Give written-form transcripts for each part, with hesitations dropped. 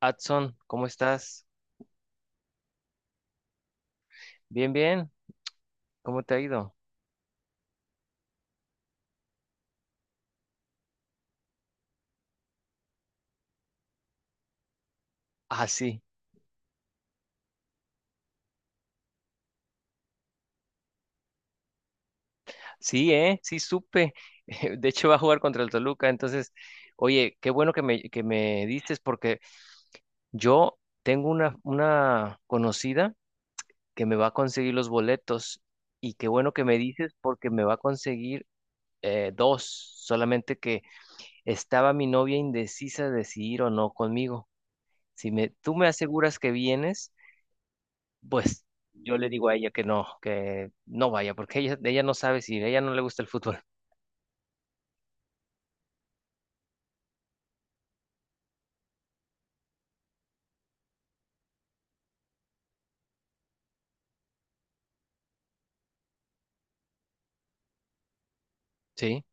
Adson, ¿cómo estás? Bien, bien. ¿Cómo te ha ido? Ah, sí. Sí, ¿eh? Sí, supe. De hecho, va a jugar contra el Toluca. Entonces, oye, qué bueno que que me dices porque yo tengo una conocida que me va a conseguir los boletos y qué bueno que me dices porque me va a conseguir dos. Solamente que estaba mi novia indecisa de si ir o no conmigo. Si me, tú me aseguras que vienes. Pues yo le digo a ella que no vaya, porque ella no sabe si a ella no le gusta el fútbol. Sí.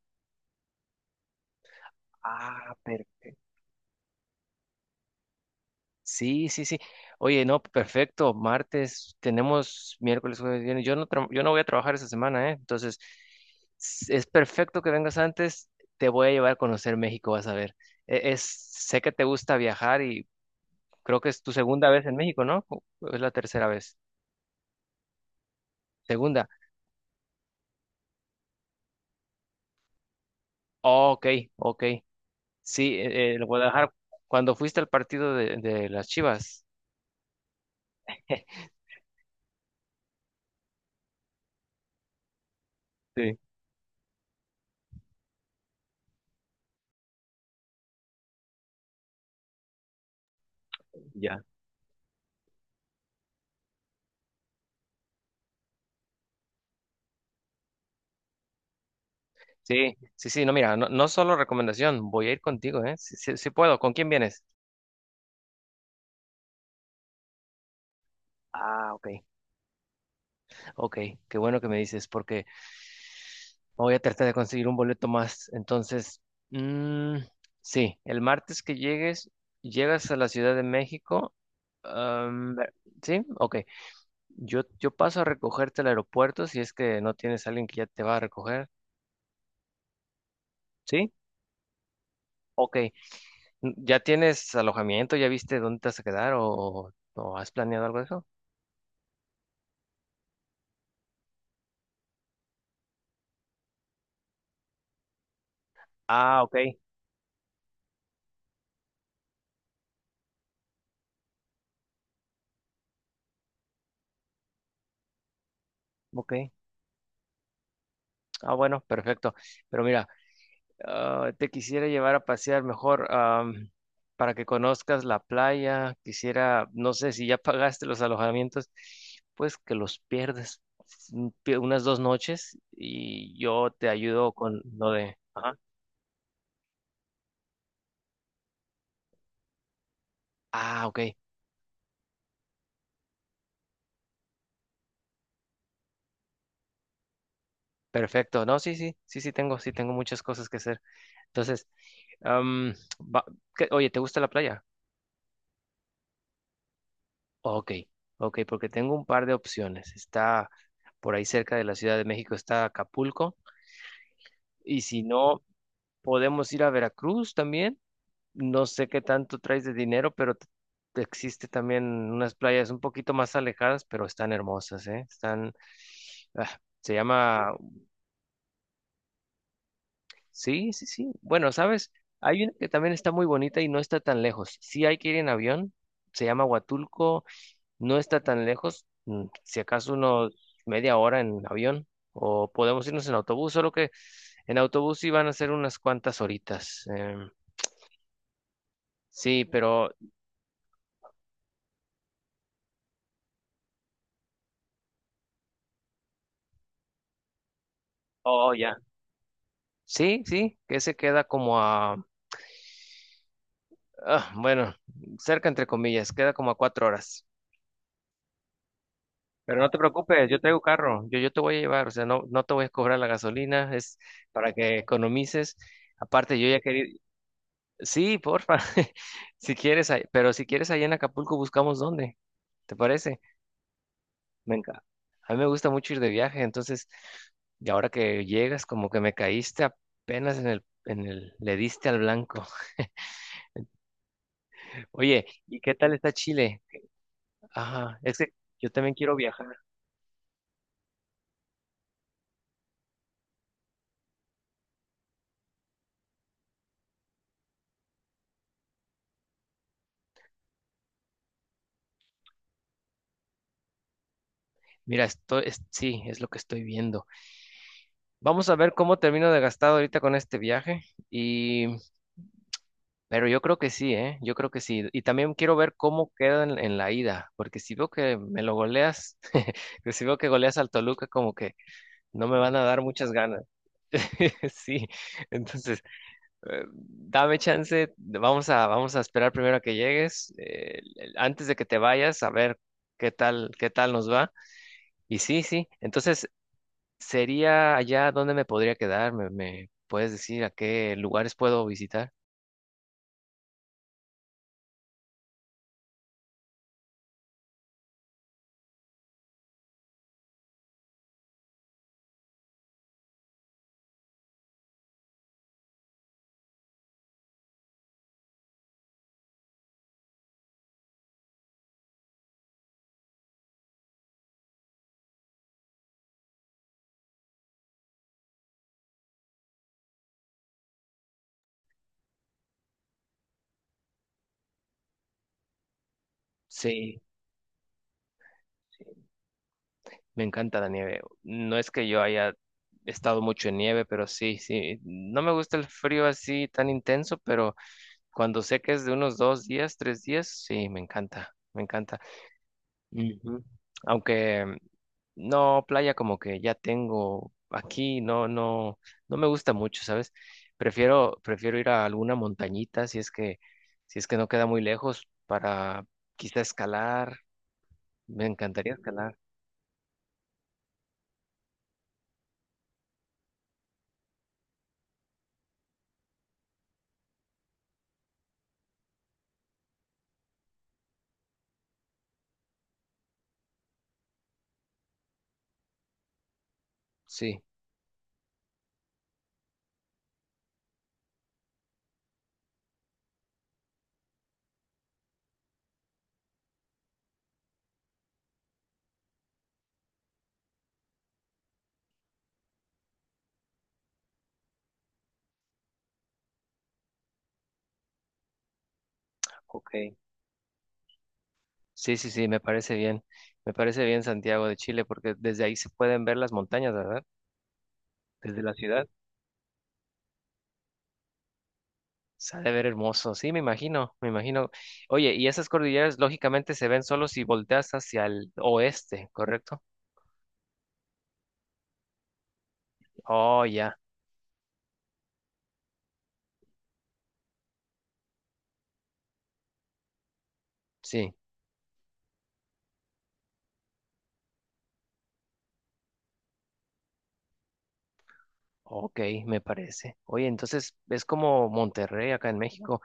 Ah, perfecto. Sí, sí, sí. Oye, no, perfecto. Martes tenemos miércoles, jueves, viernes. Yo no voy a trabajar esta semana, ¿eh? Entonces, es perfecto que vengas antes. Te voy a llevar a conocer México, vas a ver. Es, sé que te gusta viajar y creo que es tu segunda vez en México, ¿no? ¿O es la tercera vez? Segunda. Oh, ok, ok. Sí, el Guadalajara, cuando fuiste al partido de las Chivas. Sí, ya. Sí, sí, sí, no, mira, no, no solo recomendación, voy a ir contigo, ¿eh? Sí, sí, sí puedo, ¿con quién vienes? Ah, ok, ok, qué bueno que me dices, porque voy a tratar de conseguir un boleto más. Entonces, mm, sí, el martes que llegues, llegas a la Ciudad de México. am, ver- sí, ok. Yo paso a recogerte al aeropuerto si es que no tienes a alguien que ya te va a recoger. ¿Sí? Ok. ¿Ya tienes alojamiento? ¿Ya viste dónde te vas a quedar? O has planeado algo de eso? Ah, ok, ok. Ah, bueno, perfecto. Pero mira, ah, te quisiera llevar a pasear mejor para que conozcas la playa. Quisiera, no sé si ya pagaste los alojamientos, pues que los pierdes unas dos noches y yo te ayudo con lo de... Ajá. Ah, ok, perfecto. No, sí, sí, sí, sí tengo muchas cosas que hacer. Entonces... Am, va- Oye, ¿te gusta la playa? Ok, ok, porque tengo un par de opciones. Está por ahí cerca de la Ciudad de México, está Acapulco. Y si no, podemos ir a Veracruz también. No sé qué tanto traes de dinero, pero existe también unas playas un poquito más alejadas, pero están hermosas, ¿eh? Están, ah, se llama, sí, sí, sí. Bueno, ¿sabes? Hay una que también está muy bonita y no está tan lejos. Sí hay que ir en avión. Se llama Huatulco. No está tan lejos, si acaso unos media hora en avión, o podemos irnos en autobús, solo que en autobús sí van a ser unas cuantas horitas. Sí, pero... Oh, ya. Sí, sí, que se queda como a... ah, bueno, cerca entre comillas, queda como a cuatro horas. Pero no te preocupes, yo traigo carro, yo te voy a llevar, o sea, no, no te voy a cobrar la gasolina, es para que economices. Aparte, yo ya quería... Sí, porfa. Si quieres, pero si quieres allá en Acapulco buscamos dónde. ¿Te parece? Me enca- A mí me gusta mucho ir de viaje, entonces, y ahora que llegas, como que me caíste apenas en el, le diste al blanco. Oye, ¿y qué tal está Chile? Ajá, es que yo también quiero viajar. Mira, esto es, sí, es lo que estoy viendo. Vamos a ver cómo termino de gastado ahorita con este viaje y, pero yo creo que sí, ¿eh? Yo creo que sí. Y también quiero ver cómo queda en la ida, porque si veo que me lo goleas, que si veo que goleas al Toluca, como que no me van a dar muchas ganas. Sí, entonces, dame chance, vamos a esperar primero a que llegues, antes de que te vayas, a ver qué tal nos va. Y sí, sí, entonces sería allá donde me podría quedar, me puedes decir a qué lugares puedo visitar. Sí, me encanta la nieve. No es que yo haya estado mucho en nieve, pero sí, sí, no me gusta el frío así tan intenso, pero... Cuando sé que es de unos dos días, tres días, sí, me encanta, me encanta. Ujú. Aunque no, playa como que ya tengo aquí, no, no, no me gusta mucho, ¿sabes? Prefiero ir a alguna montañita si es que, si es que no queda muy lejos para quizá escalar. Me encantaría escalar, sí. Ok. Sí, sí, sí, me parece bien. Me parece bien Santiago de Chile porque desde ahí se pueden ver las montañas, ¿verdad? Desde la ciudad. Se ha de ver hermoso, sí, me imagino, me imagino. Oye, y esas cordilleras lógicamente se ven solo si volteas hacia el oeste, ¿correcto? Oh, ya, sí, ok, me parece. Oye, entonces es como Monterrey acá en México.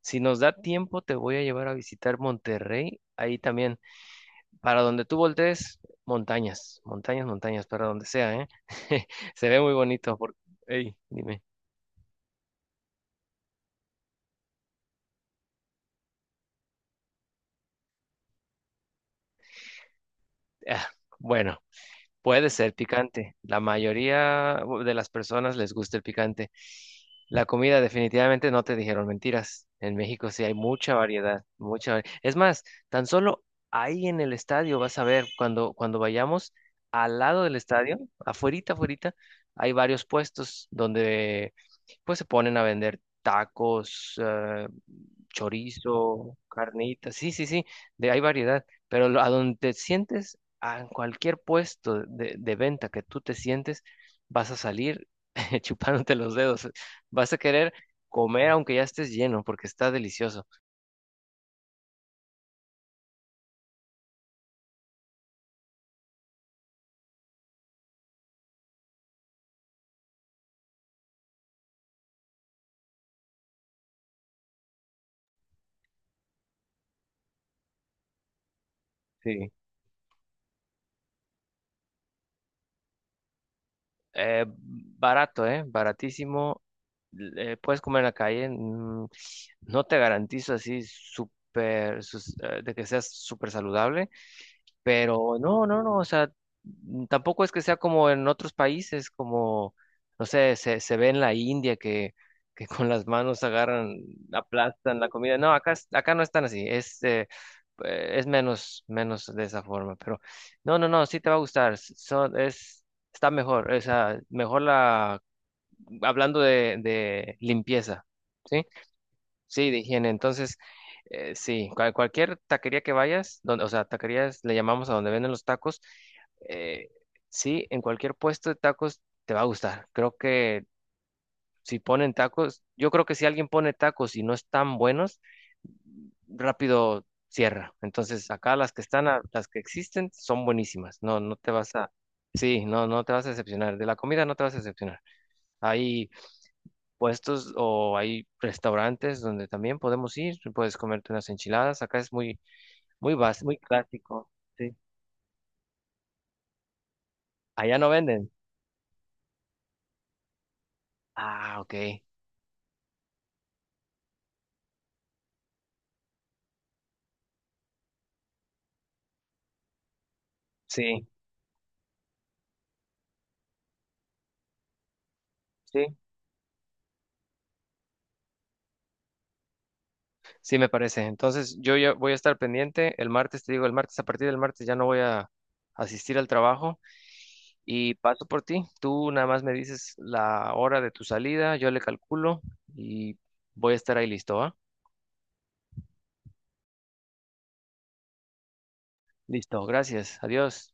Si nos da tiempo, te voy a llevar a visitar Monterrey, ahí también, para donde tú voltees, montañas, montañas, montañas, para donde sea, ¿eh? Se ve muy bonito, porque, dime. Ah, bueno. Puede ser picante. La mayoría de las personas les gusta el picante. La comida definitivamente no te dijeron mentiras. En México sí hay mucha variedad, mucha. Es más, tan solo ahí en el estadio vas a ver cuando vayamos al lado del estadio, afuerita, afuerita, hay varios puestos donde pues se ponen a vender tacos, chorizo, carnitas. Sí, sí, sí, de hay variedad, pero a donde te sientes en cualquier puesto de venta que tú te sientes, vas a salir chupándote los dedos. Vas a querer comer aunque ya estés lleno porque está delicioso. Sí. Barato, ¿eh? Baratísimo. Puedes comer en la calle. No te garantizo así súper de que seas súper saludable. Pero no, no, no, o sea, tampoco es que sea como en otros países, como, no sé, se ve en la India que con las manos agarran, aplastan la comida. No, acá, acá no están así, es menos, menos de esa forma, pero no, no, no, sí te va a gustar, es, está mejor, o sea, mejor la, hablando de limpieza, ¿sí? Sí, de higiene. Entonces, sí, cualquier taquería que vayas, donde, o sea, taquerías le llamamos a donde venden los tacos, eh, sí, en cualquier puesto de tacos te va a gustar. Creo que si ponen tacos, yo creo que si alguien pone tacos y no están buenos, rápido cierra. Entonces, acá las que están, las que existen, son buenísimas. No, no te vas a, sí, no, no te vas a decepcionar. De la comida no te vas a decepcionar. Hay puestos o hay restaurantes donde también podemos ir, puedes comerte unas enchiladas, acá es muy, muy básico, muy clásico, sí. Allá no venden. Ah, ok. Sí, sí, sí me parece. Entonces yo ya voy a estar pendiente. El martes, te digo, el martes, a partir del martes ya no voy a asistir al trabajo y paso por ti. Tú nada más me dices la hora de tu salida, yo le calculo y voy a estar ahí listo, ¿va? Listo, gracias. Adiós.